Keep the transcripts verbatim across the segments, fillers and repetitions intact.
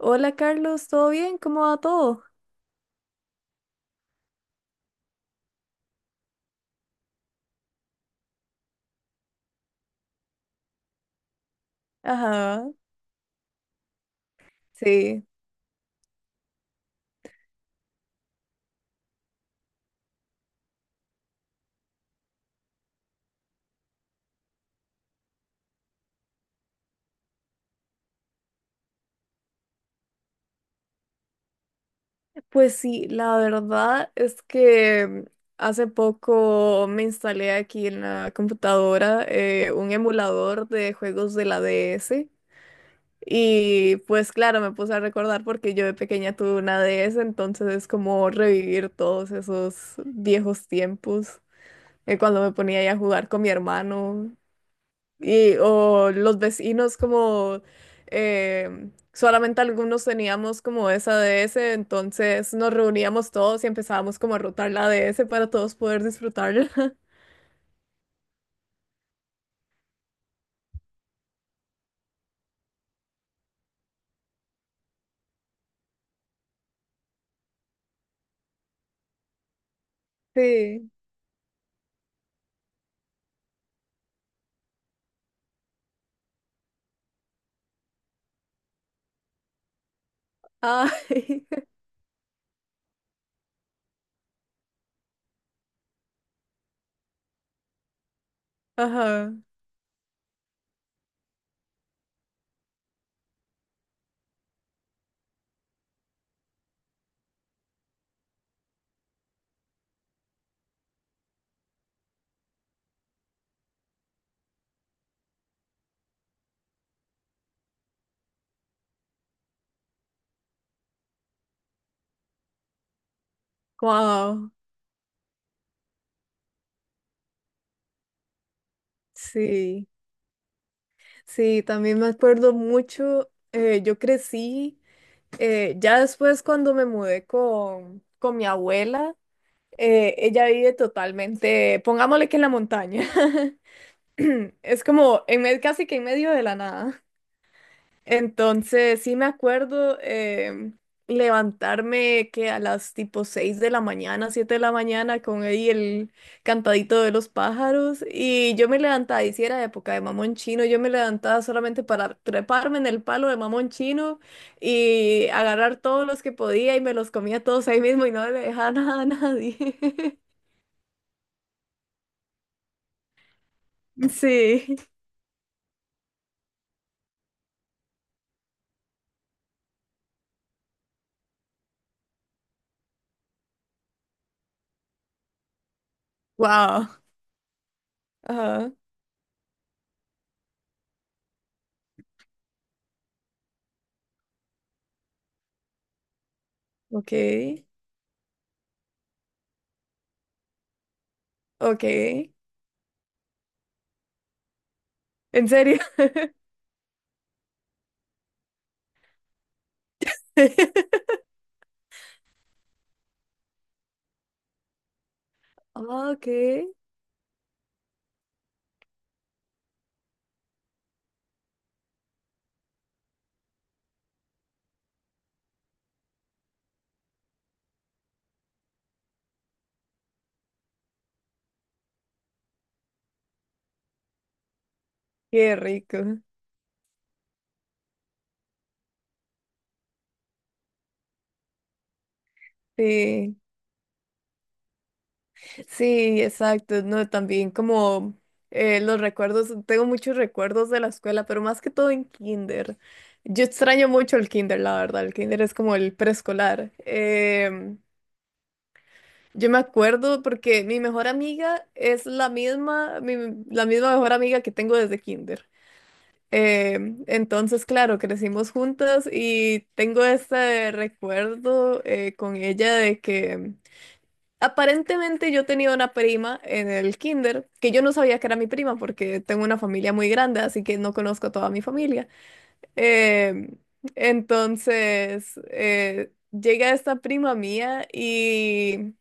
Hola Carlos, ¿todo bien? ¿Cómo va todo? Ajá, sí. Pues sí, la verdad es que hace poco me instalé aquí en la computadora eh, un emulador de juegos de la D S. Y pues claro, me puse a recordar porque yo de pequeña tuve una D S, entonces es como revivir todos esos viejos tiempos eh, cuando me ponía ahí a jugar con mi hermano. Y, o los vecinos como eh, solamente algunos teníamos como esa D S, entonces nos reuníamos todos y empezábamos como a rotar la D S para todos poder disfrutarla. Sí. Ay, ajá. Wow. Sí. Sí, también me acuerdo mucho. Eh, yo crecí eh, ya después cuando me mudé con, con mi abuela, eh, ella vive totalmente, pongámosle que en la montaña. Es como en medio, casi que en medio de la nada. Entonces, sí me acuerdo em, levantarme que a las tipo seis de la mañana, siete de la mañana, con ahí el cantadito de los pájaros. Y yo me levantaba, y si era época de mamón chino, yo me levantaba solamente para treparme en el palo de mamón chino y agarrar todos los que podía y me los comía todos ahí mismo y no le dejaba nada a nadie. Sí. Wow. Ajá. Ok. Ok. ¿En serio? Ok, qué rico. Sí, sí, exacto. No, también como eh, los recuerdos, tengo muchos recuerdos de la escuela, pero más que todo en kinder. Yo extraño mucho el kinder, la verdad. El kinder es como el preescolar. Em, yo me acuerdo porque mi mejor amiga es la misma, mi- la misma mejor amiga que tengo desde kinder. Eh, entonces, claro, crecimos juntas y tengo este recuerdo eh, con ella de que aparentemente yo tenía una prima en el kinder, que yo no sabía que era mi prima porque tengo una familia muy grande, así que no conozco a toda mi familia. Eh, entonces, eh, llega esta prima mía y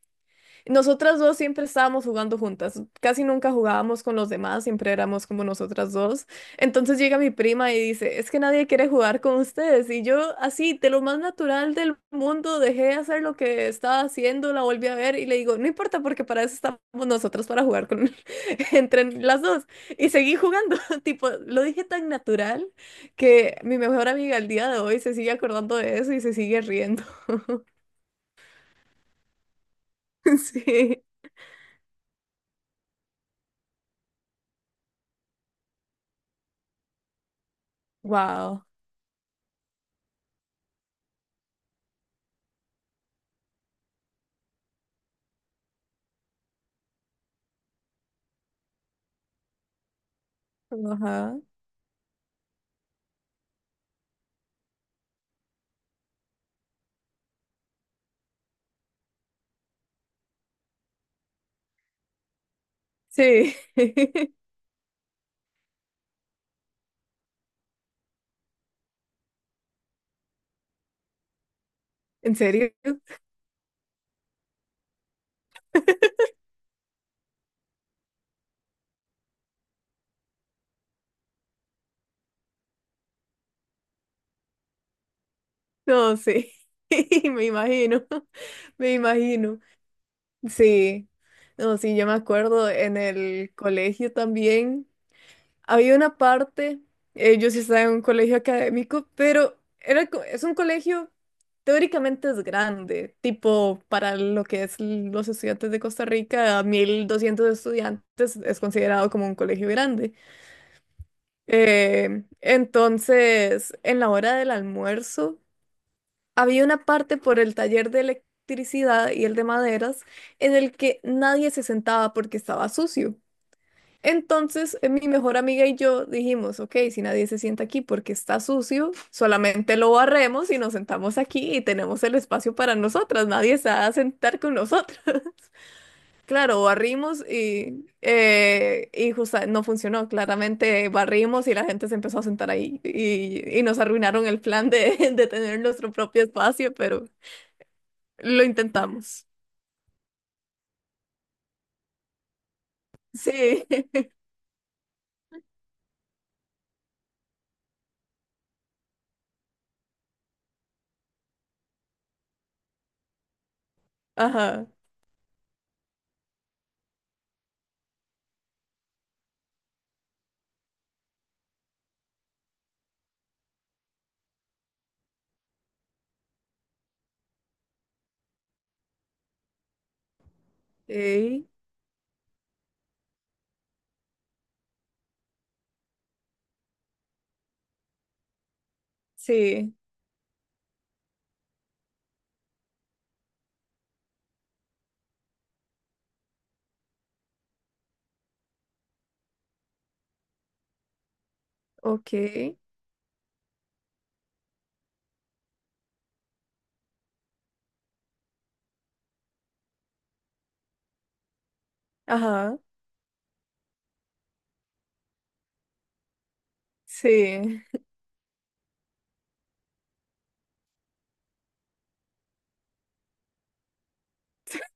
nosotras dos siempre estábamos jugando juntas, casi nunca jugábamos con los demás, siempre éramos como nosotras dos. Entonces llega mi prima y dice, es que nadie quiere jugar con ustedes. Y yo así, de lo más natural del mundo, dejé de hacer lo que estaba haciendo, la volví a ver y le digo, no importa porque para eso estamos nosotras, para jugar con entre las dos. Y seguí jugando, tipo, lo dije tan natural que mi mejor amiga al día de hoy se sigue acordando de eso y se sigue riendo. Sí, wow. Ajá. Sí, ¿en serio? No, sí, me imagino, me imagino. Sí, no, sí, yo me acuerdo en el colegio también. Había una parte, eh, yo sí estaba en un colegio académico, pero era, co- es un colegio, teóricamente es grande, tipo para lo que es los estudiantes de Costa Rica, mil doscientos estudiantes es considerado como un colegio grande. Eh, entonces, en la hora del almuerzo, había una parte por el taller de electricidad y el de maderas en el que nadie se sentaba porque estaba sucio. Entonces, eh, mi mejor amiga y yo dijimos, ok, si nadie se sienta aquí porque está sucio, solamente lo barremos y nos sentamos aquí y tenemos el espacio para nosotras, nadie se va a sentar con nosotras. Claro, barrimos y, eh, y justa- no funcionó, claramente barrimos y la gente se empezó a sentar ahí y, y nos arruinaron el plan de, de tener nuestro propio espacio, pero... Lo intentamos. Sí. Ajá. Sí. Sí. Ok. Ajá. Sí.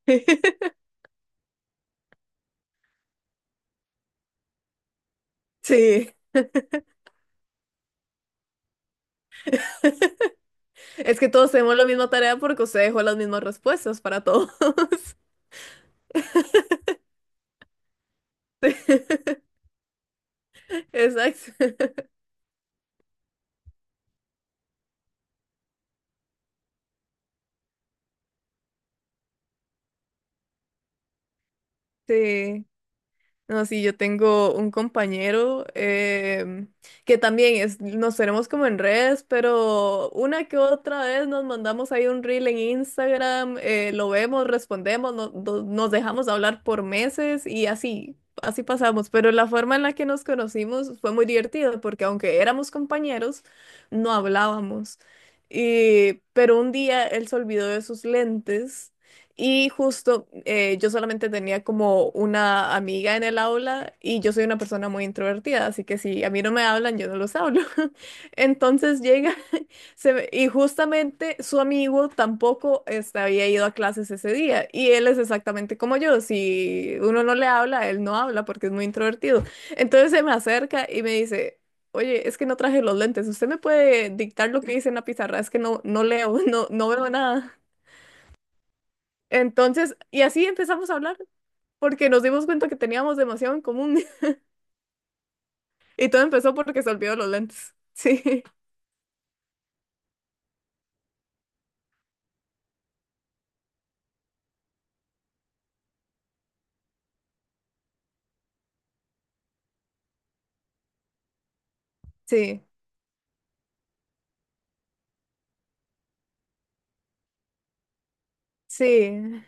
Sí. Es que todos tenemos la misma tarea porque usted dejó las mismas respuestas para todos. Sí. Exacto. Sí. No, sí, yo tengo un compañero em, que también es, nos tenemos como en redes, pero una que otra vez nos mandamos ahí un reel en Instagram, eh, lo vemos, respondemos, no- do- nos dejamos hablar por meses y así, así pasamos. Pero la forma en la que nos conocimos fue muy divertida porque aunque éramos compañeros, no hablábamos. Y, pero un día él se olvidó de sus lentes y justo eh, yo solamente tenía como una amiga en el aula y yo soy una persona muy introvertida, así que si a mí no me hablan, yo no los hablo. Entonces llega se ve- y justamente su amigo tampoco este, había ido a clases ese día y él es exactamente como yo, si uno no le habla, él no habla porque es muy introvertido. Entonces se me acerca y me dice... Oye, es que no traje los lentes. ¿Usted me puede dictar lo que dice en la pizarra? Es que no, no leo, no, no veo nada. Entonces, y así empezamos a hablar, porque nos dimos cuenta que teníamos demasiado en común. Y todo empezó porque se olvidó los lentes. Sí, sí, sí,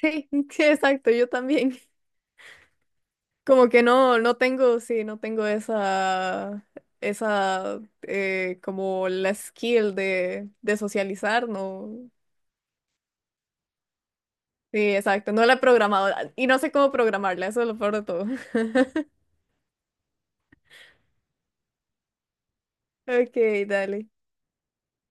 sí, sí, exacto, yo también. Como que no, no tengo, sí, no tengo esa, esa, eh, como la skill de, de socializar, no. Sí, exacto, no la he programado y no sé cómo programarla, eso es lo peor de todo. Ok, dale.